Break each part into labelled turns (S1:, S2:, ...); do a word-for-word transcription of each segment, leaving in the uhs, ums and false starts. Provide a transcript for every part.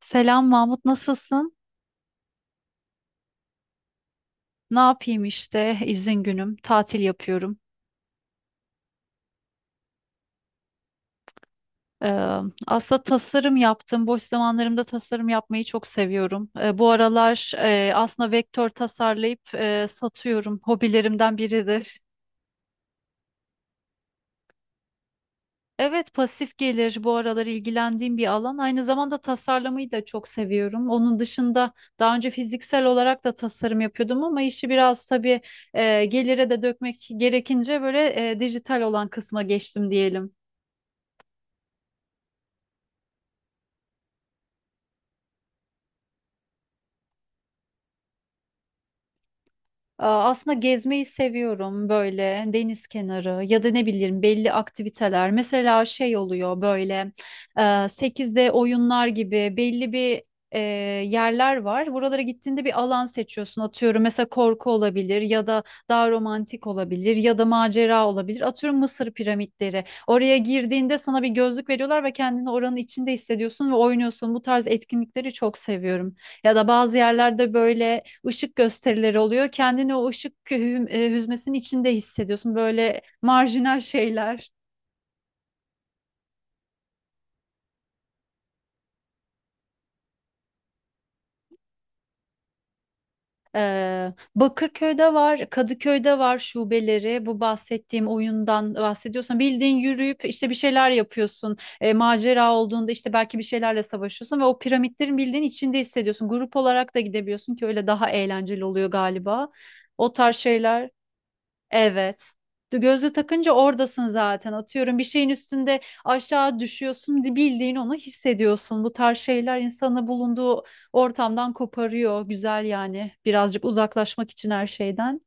S1: Selam Mahmut, nasılsın? Ne yapayım işte, izin günüm, tatil yapıyorum. Ee, Aslında tasarım yaptım. Boş zamanlarımda tasarım yapmayı çok seviyorum. Ee, bu aralar e, aslında vektör tasarlayıp e, satıyorum. Hobilerimden biridir. Evet, pasif gelir bu aralar ilgilendiğim bir alan. Aynı zamanda tasarlamayı da çok seviyorum. Onun dışında daha önce fiziksel olarak da tasarım yapıyordum ama işi biraz tabii e, gelire de dökmek gerekince böyle e, dijital olan kısma geçtim diyelim. Aa, aslında gezmeyi seviyorum, böyle deniz kenarı ya da ne bileyim belli aktiviteler. Mesela şey oluyor, böyle e, sekizde oyunlar gibi belli bir e, yerler var. Buralara gittiğinde bir alan seçiyorsun. Atıyorum, mesela korku olabilir ya da daha romantik olabilir ya da macera olabilir. Atıyorum Mısır piramitleri. Oraya girdiğinde sana bir gözlük veriyorlar ve kendini oranın içinde hissediyorsun ve oynuyorsun. Bu tarz etkinlikleri çok seviyorum. Ya da bazı yerlerde böyle ışık gösterileri oluyor. Kendini o ışık hü- e, hüzmesinin içinde hissediyorsun. Böyle marjinal şeyler. Ee, Bakırköy'de var, Kadıköy'de var şubeleri. Bu bahsettiğim oyundan bahsediyorsan bildiğin yürüyüp işte bir şeyler yapıyorsun. Ee, macera olduğunda işte belki bir şeylerle savaşıyorsun ve o piramitlerin bildiğin içinde hissediyorsun. Grup olarak da gidebiliyorsun ki öyle daha eğlenceli oluyor galiba. O tarz şeyler. Evet. Gözlüğü takınca oradasın zaten. Atıyorum, bir şeyin üstünde aşağı düşüyorsun, bildiğin onu hissediyorsun. Bu tarz şeyler insanı bulunduğu ortamdan koparıyor. Güzel yani. Birazcık uzaklaşmak için her şeyden.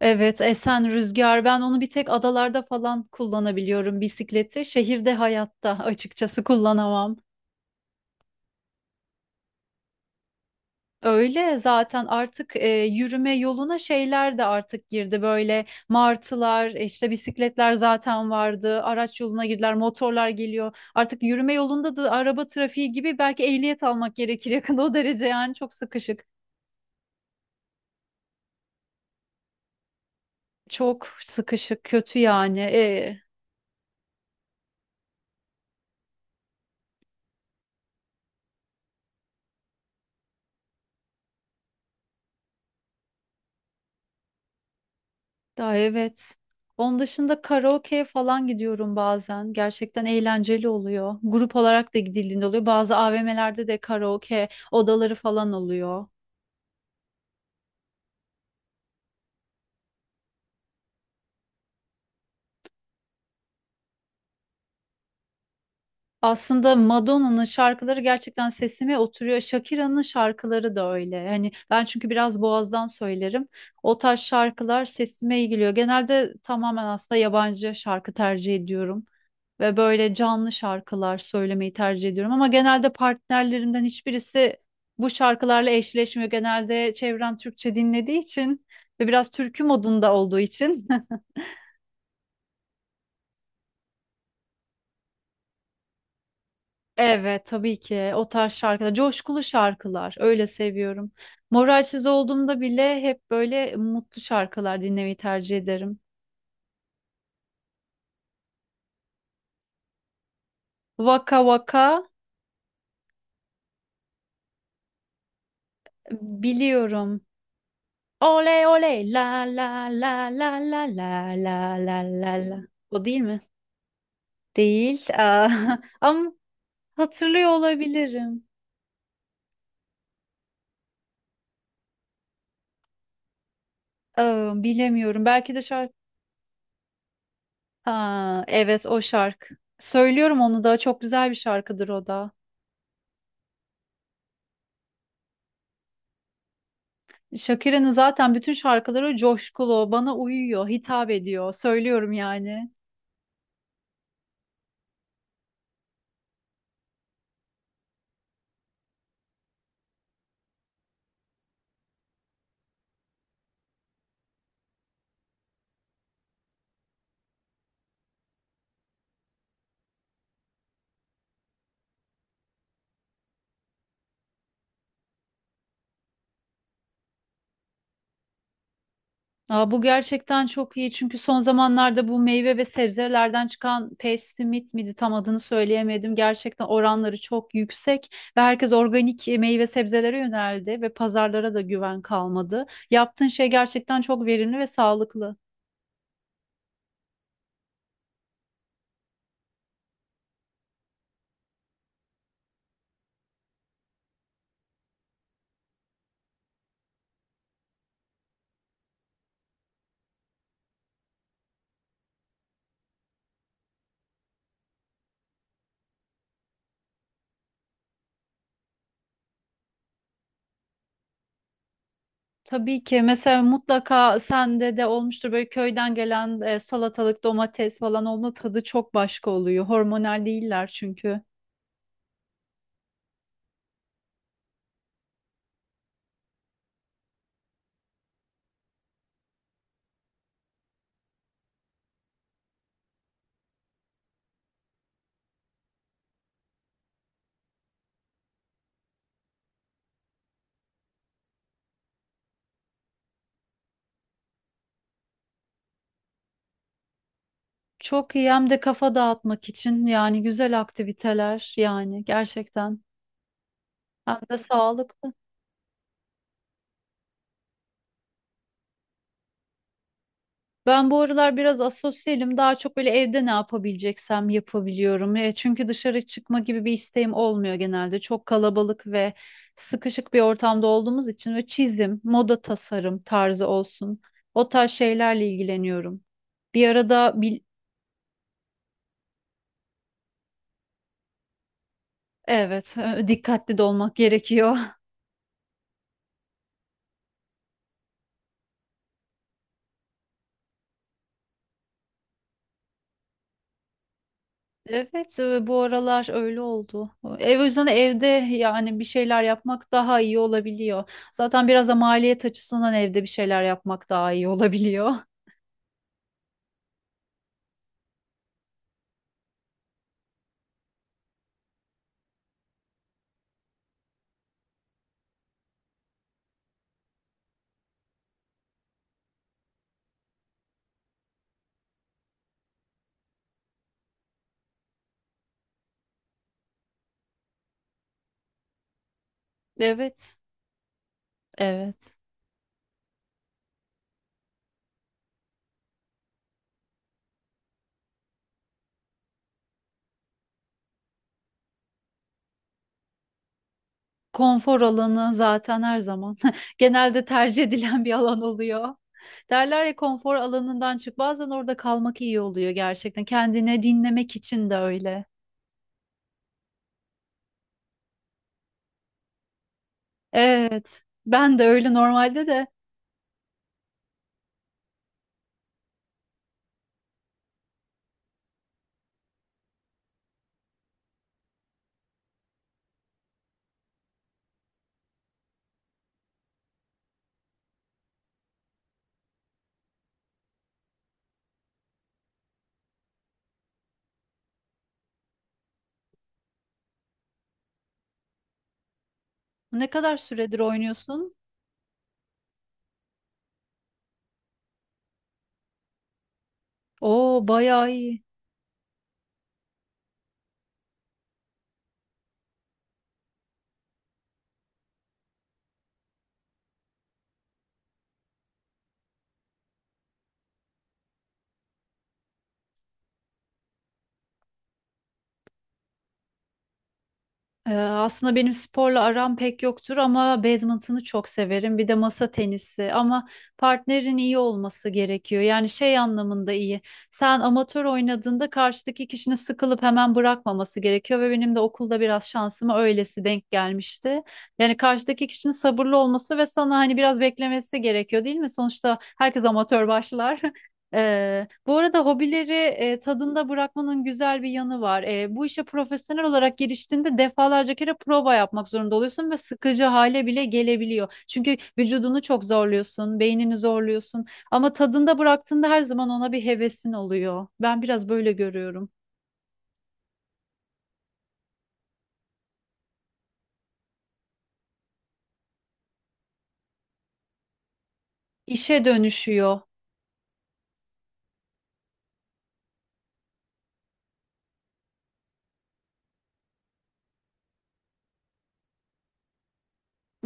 S1: Evet, esen rüzgar. Ben onu bir tek adalarda falan kullanabiliyorum bisikleti. Şehirde hayatta açıkçası kullanamam. Öyle zaten artık e, yürüme yoluna şeyler de artık girdi, böyle martılar, işte bisikletler zaten vardı, araç yoluna girdiler, motorlar geliyor artık yürüme yolunda da, araba trafiği gibi, belki ehliyet almak gerekir yakında, o derece yani, çok sıkışık çok sıkışık kötü yani e, daha. Evet, onun dışında karaoke falan gidiyorum, bazen gerçekten eğlenceli oluyor, grup olarak da gidildiğinde oluyor, bazı A V M'lerde de karaoke odaları falan oluyor. Aslında Madonna'nın şarkıları gerçekten sesime oturuyor. Shakira'nın şarkıları da öyle. Hani ben çünkü biraz boğazdan söylerim. O tarz şarkılar sesime iyi geliyor. Genelde tamamen aslında yabancı şarkı tercih ediyorum ve böyle canlı şarkılar söylemeyi tercih ediyorum, ama genelde partnerlerimden hiçbirisi bu şarkılarla eşleşmiyor. Genelde çevrem Türkçe dinlediği için ve biraz türkü modunda olduğu için. Evet tabii ki, o tarz şarkılar, coşkulu şarkılar, öyle seviyorum. Moralsiz olduğumda bile hep böyle mutlu şarkılar dinlemeyi tercih ederim. Vaka vaka biliyorum. Oley oley la la la la la la la la la la. O değil mi? Değil. Aa, ama hatırlıyor olabilirim. Aa, bilemiyorum. Belki de şarkı. Ha, evet, o şarkı. Söylüyorum onu da, çok güzel bir şarkıdır o da. Shakira'nın zaten bütün şarkıları coşkulu, bana uyuyor, hitap ediyor. Söylüyorum yani. Aa, bu gerçekten çok iyi, çünkü son zamanlarda bu meyve ve sebzelerden çıkan Pestimit miydi, tam adını söyleyemedim. Gerçekten oranları çok yüksek ve herkes organik e, meyve sebzelere yöneldi ve pazarlara da güven kalmadı. Yaptığın şey gerçekten çok verimli ve sağlıklı. Tabii ki, mesela mutlaka sende de olmuştur, böyle köyden gelen e, salatalık, domates falan, onun tadı çok başka oluyor. Hormonal değiller çünkü. Çok iyi, hem de kafa dağıtmak için yani, güzel aktiviteler yani, gerçekten hem de sağlıklı. Ben bu aralar biraz asosyalim. Daha çok böyle evde ne yapabileceksem yapabiliyorum. E, çünkü dışarı çıkma gibi bir isteğim olmuyor genelde. Çok kalabalık ve sıkışık bir ortamda olduğumuz için, ve çizim, moda tasarım tarzı olsun. O tarz şeylerle ilgileniyorum. Bir arada bil evet, e, dikkatli de olmak gerekiyor. Evet, e, bu aralar öyle oldu. Ev, o yüzden evde yani bir şeyler yapmak daha iyi olabiliyor. Zaten biraz da maliyet açısından evde bir şeyler yapmak daha iyi olabiliyor. Evet, evet. Konfor alanı zaten her zaman genelde tercih edilen bir alan oluyor. Derler ya, konfor alanından çık. Bazen orada kalmak iyi oluyor gerçekten. Kendine dinlemek için de öyle. Evet. Ben de öyle normalde de. Ne kadar süredir oynuyorsun? Oo, bayağı iyi. Ee, aslında benim sporla aram pek yoktur ama badminton'u çok severim. Bir de masa tenisi, ama partnerin iyi olması gerekiyor. Yani şey anlamında iyi. Sen amatör oynadığında karşıdaki kişinin sıkılıp hemen bırakmaması gerekiyor, ve benim de okulda biraz şansıma öylesi denk gelmişti. Yani karşıdaki kişinin sabırlı olması ve sana hani biraz beklemesi gerekiyor değil mi? Sonuçta herkes amatör başlar. Ee, bu arada hobileri e, tadında bırakmanın güzel bir yanı var. Ee, bu işe profesyonel olarak giriştiğinde defalarca kere prova yapmak zorunda oluyorsun ve sıkıcı hale bile gelebiliyor. Çünkü vücudunu çok zorluyorsun, beynini zorluyorsun. Ama tadında bıraktığında her zaman ona bir hevesin oluyor. Ben biraz böyle görüyorum. İşe dönüşüyor.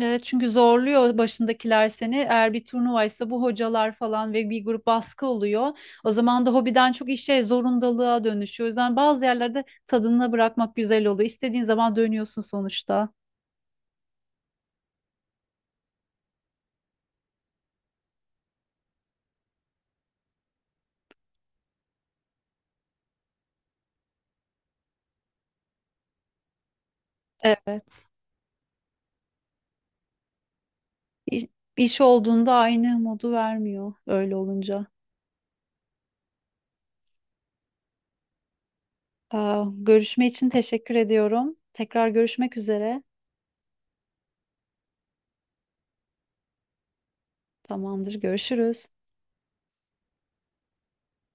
S1: Evet, çünkü zorluyor başındakiler seni. Eğer bir turnuvaysa, bu hocalar falan ve bir grup baskı oluyor. O zaman da hobiden çok işe, zorundalığa dönüşüyor. O yüzden bazı yerlerde tadına bırakmak güzel oluyor. İstediğin zaman dönüyorsun sonuçta. Evet. İ- İş olduğunda aynı modu vermiyor öyle olunca. Aa, görüşme için teşekkür ediyorum. Tekrar görüşmek üzere. Tamamdır, görüşürüz.